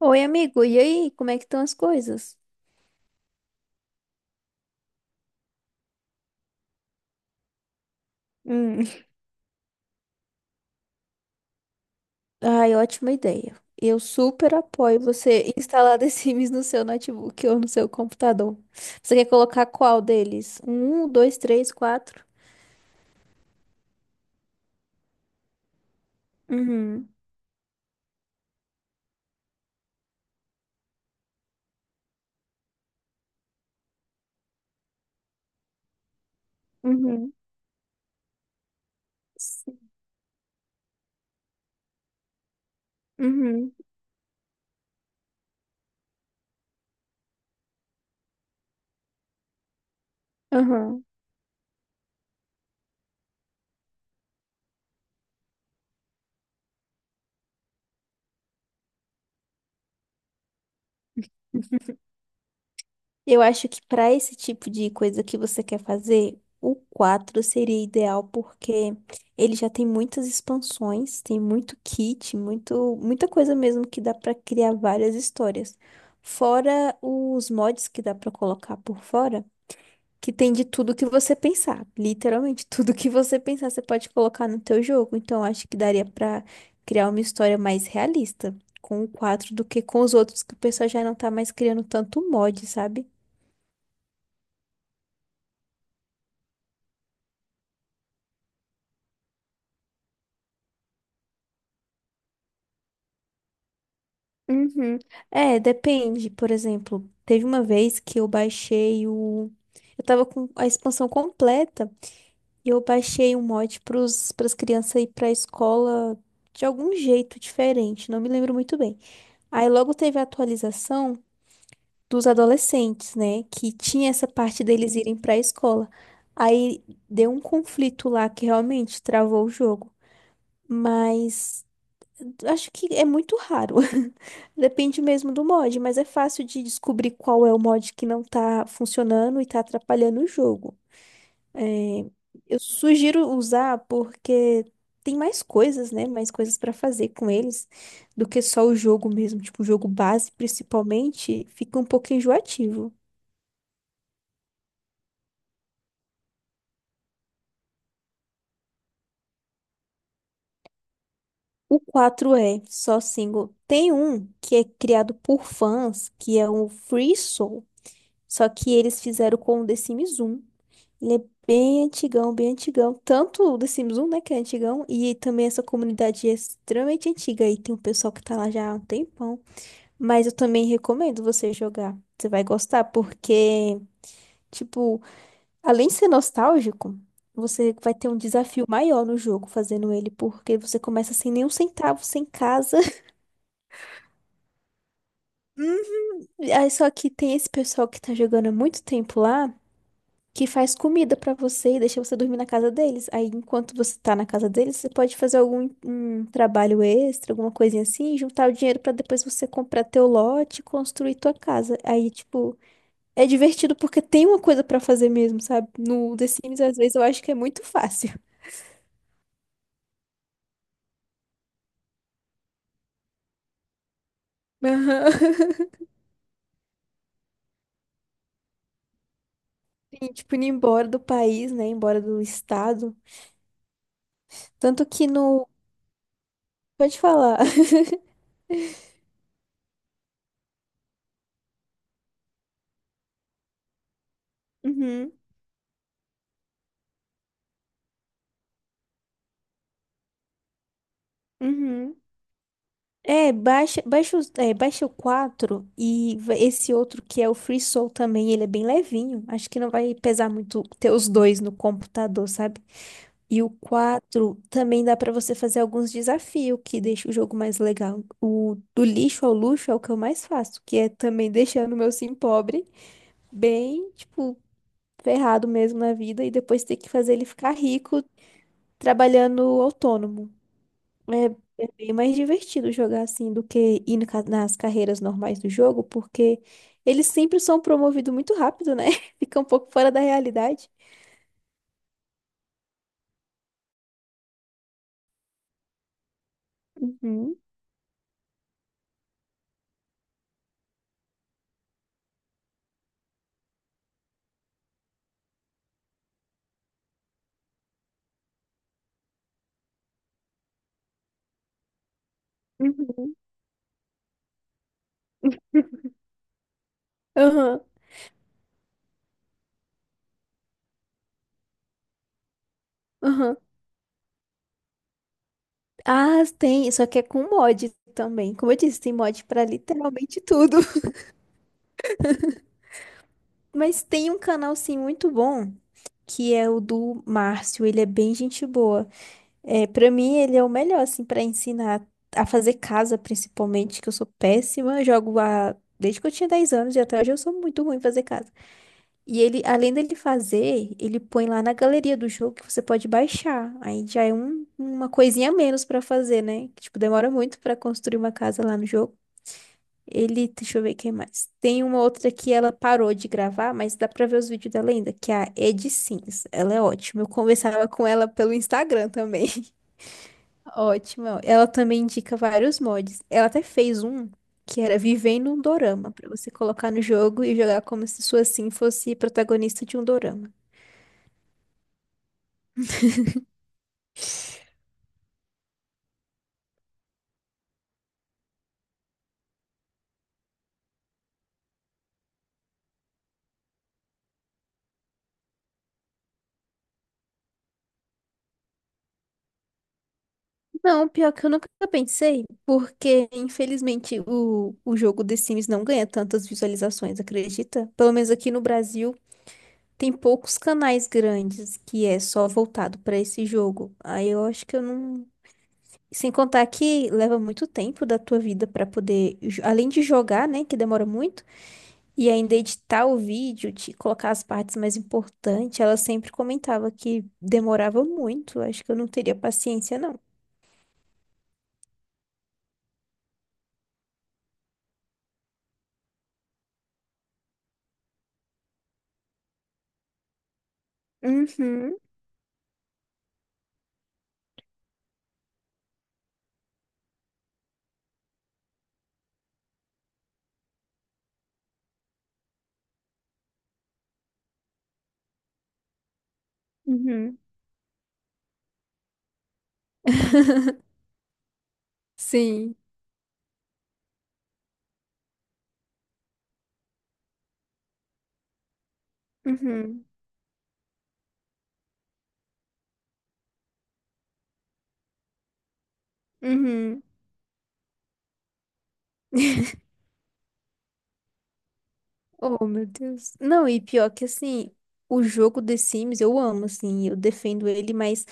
Oi, amigo, e aí? Como é que estão as coisas? Hum. Ai, ótima ideia. Eu super apoio você instalar The Sims no seu notebook ou no seu computador. Você quer colocar qual deles? Um, dois, três, quatro? Uhum, uhum, sim, uhum, aham. Eu acho que para esse tipo de coisa que você quer fazer, o quatro seria ideal porque ele já tem muitas expansões, tem muito kit, muito, muita coisa mesmo que dá para criar várias histórias. Fora os mods que dá para colocar por fora, que tem de tudo que você pensar. Literalmente, tudo que você pensar você pode colocar no teu jogo. Então, acho que daria para criar uma história mais realista com o quatro do que com os outros que o pessoal já não tá mais criando tanto mod, sabe? Uhum. É, depende. Por exemplo, teve uma vez que eu baixei o. Eu tava com a expansão completa e eu baixei um mod pros, pras crianças ir pra escola de algum jeito diferente, não me lembro muito bem. Aí logo teve a atualização dos adolescentes, né? Que tinha essa parte deles irem pra escola. Aí deu um conflito lá que realmente travou o jogo. Mas. Acho que é muito raro. Depende mesmo do mod, mas é fácil de descobrir qual é o mod que não tá funcionando e tá atrapalhando o jogo. É, eu sugiro usar porque tem mais coisas, né? Mais coisas pra fazer com eles do que só o jogo mesmo. Tipo, o jogo base, principalmente, fica um pouco enjoativo. O quatro é só single. Tem um que é criado por fãs, que é o Free Soul. Só que eles fizeram com o The Sims 1. Ele é bem antigão, bem antigão. Tanto o The Sims 1, né, que é antigão, e também essa comunidade é extremamente antiga. E tem um pessoal que tá lá já há um tempão. Mas eu também recomendo você jogar. Você vai gostar, porque, tipo, além de ser nostálgico, você vai ter um desafio maior no jogo fazendo ele, porque você começa sem nenhum centavo, sem casa. Aí só que tem esse pessoal que tá jogando há muito tempo lá. Que faz comida pra você e deixa você dormir na casa deles. Aí, enquanto você tá na casa deles, você pode fazer algum um trabalho extra, alguma coisinha assim, e juntar o dinheiro pra depois você comprar teu lote e construir tua casa. Aí, tipo, é divertido porque tem uma coisa pra fazer mesmo, sabe? No The Sims, às vezes, eu acho que é muito fácil. Aham. Sim, tipo, indo embora do país, né? Embora do estado. Tanto que no. Pode falar. Uhum, uhum. É, baixa, baixa, é, baixa o quatro e esse outro que é o Free Soul também, ele é bem levinho. Acho que não vai pesar muito ter os dois no computador, sabe? E o quatro também dá pra você fazer alguns desafios que deixa o jogo mais legal. O do lixo ao luxo é o que eu mais faço, que é também deixando o meu sim pobre bem, tipo, ferrado mesmo na vida e depois ter que fazer ele ficar rico trabalhando autônomo. É, é bem mais divertido jogar assim do que ir no nas carreiras normais do jogo, porque eles sempre são promovidos muito rápido, né? Fica um pouco fora da realidade. Uhum, uhum. Aham, aham. Ah, tem, só que é com mod também. Como eu disse, tem mod pra literalmente tudo. Mas tem um canal, sim, muito bom, que é o do Márcio. Ele é bem gente boa. É, para mim ele é o melhor assim para ensinar a fazer casa, principalmente, que eu sou péssima, jogo há desde que eu tinha 10 anos e até hoje eu sou muito ruim em fazer casa. E ele, além dele fazer, ele põe lá na galeria do jogo que você pode baixar. Aí já é uma coisinha a menos pra fazer, né? Que tipo demora muito pra construir uma casa lá no jogo. Ele, deixa eu ver quem mais. Tem uma outra que ela parou de gravar, mas dá pra ver os vídeos dela ainda, que é a Ed Sims. Ela é ótima. Eu conversava com ela pelo Instagram também. Ótima. Ela também indica vários mods. Ela até fez um que era Vivendo um Dorama, pra você colocar no jogo e jogar como se sua Sim fosse protagonista de um dorama. Não, pior que eu nunca pensei, porque infelizmente o jogo The Sims não ganha tantas visualizações, acredita? Pelo menos aqui no Brasil tem poucos canais grandes que é só voltado pra esse jogo. Aí eu acho que eu não, sem contar que leva muito tempo da tua vida pra poder, além de jogar, né, que demora muito. E ainda editar o vídeo, de colocar as partes mais importantes, ela sempre comentava que demorava muito. Acho que eu não teria paciência, não. Uhum, uhum, Sim. Uhum, uhum. Oh, meu Deus. Não, e pior que assim, o jogo The Sims eu amo, assim, eu defendo ele, mas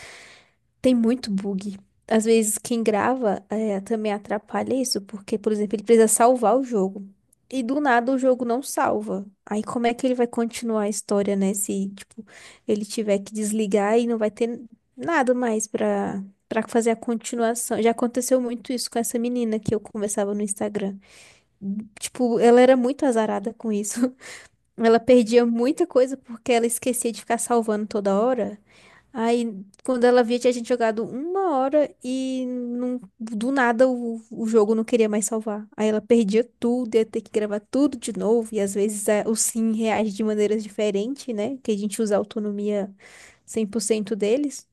tem muito bug. Às vezes quem grava é, também atrapalha isso, porque, por exemplo, ele precisa salvar o jogo. E do nada o jogo não salva. Aí como é que ele vai continuar a história, né? Se, tipo, ele tiver que desligar e não vai ter nada mais pra, pra fazer a continuação. Já aconteceu muito isso com essa menina que eu conversava no Instagram. Tipo, ela era muito azarada com isso. Ela perdia muita coisa porque ela esquecia de ficar salvando toda hora. Aí, quando ela via, tinha gente jogado uma hora e não, do nada o jogo não queria mais salvar. Aí ela perdia tudo, ia ter que gravar tudo de novo. E às vezes o Sim reage de maneiras diferentes, né? Que a gente usa a autonomia 100% deles.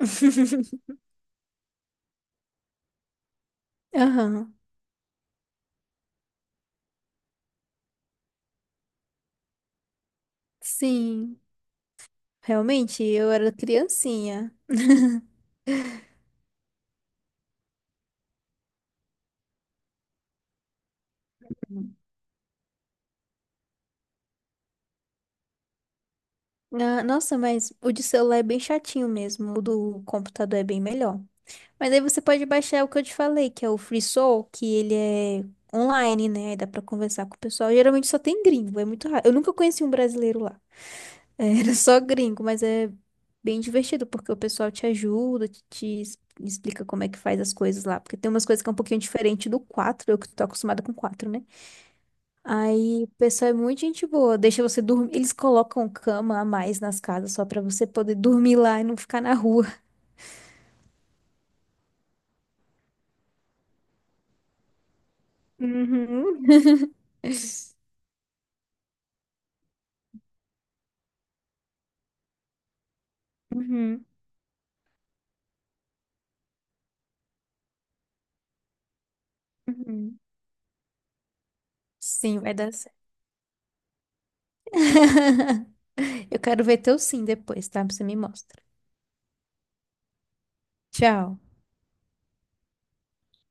Aham, sim. Realmente, eu era criancinha. Ah, nossa, mas o de celular é bem chatinho mesmo. O do computador é bem melhor. Mas aí você pode baixar o que eu te falei, que é o FreeSol, que ele é online, né? Aí dá pra conversar com o pessoal. Geralmente só tem gringo, é muito raro. Eu nunca conheci um brasileiro lá. Era só gringo, mas é bem divertido, porque o pessoal te ajuda, te explica como é que faz as coisas lá. Porque tem umas coisas que é um pouquinho diferente do 4 eu que tô acostumada com quatro, né? Aí o pessoal é muito gente boa, deixa você dormir. Eles colocam cama a mais nas casas só pra você poder dormir lá e não ficar na rua. Uhum. Uhum. Uhum. Sim, vai dar certo. Eu quero ver teu sim depois, tá? Você me mostra. Tchau.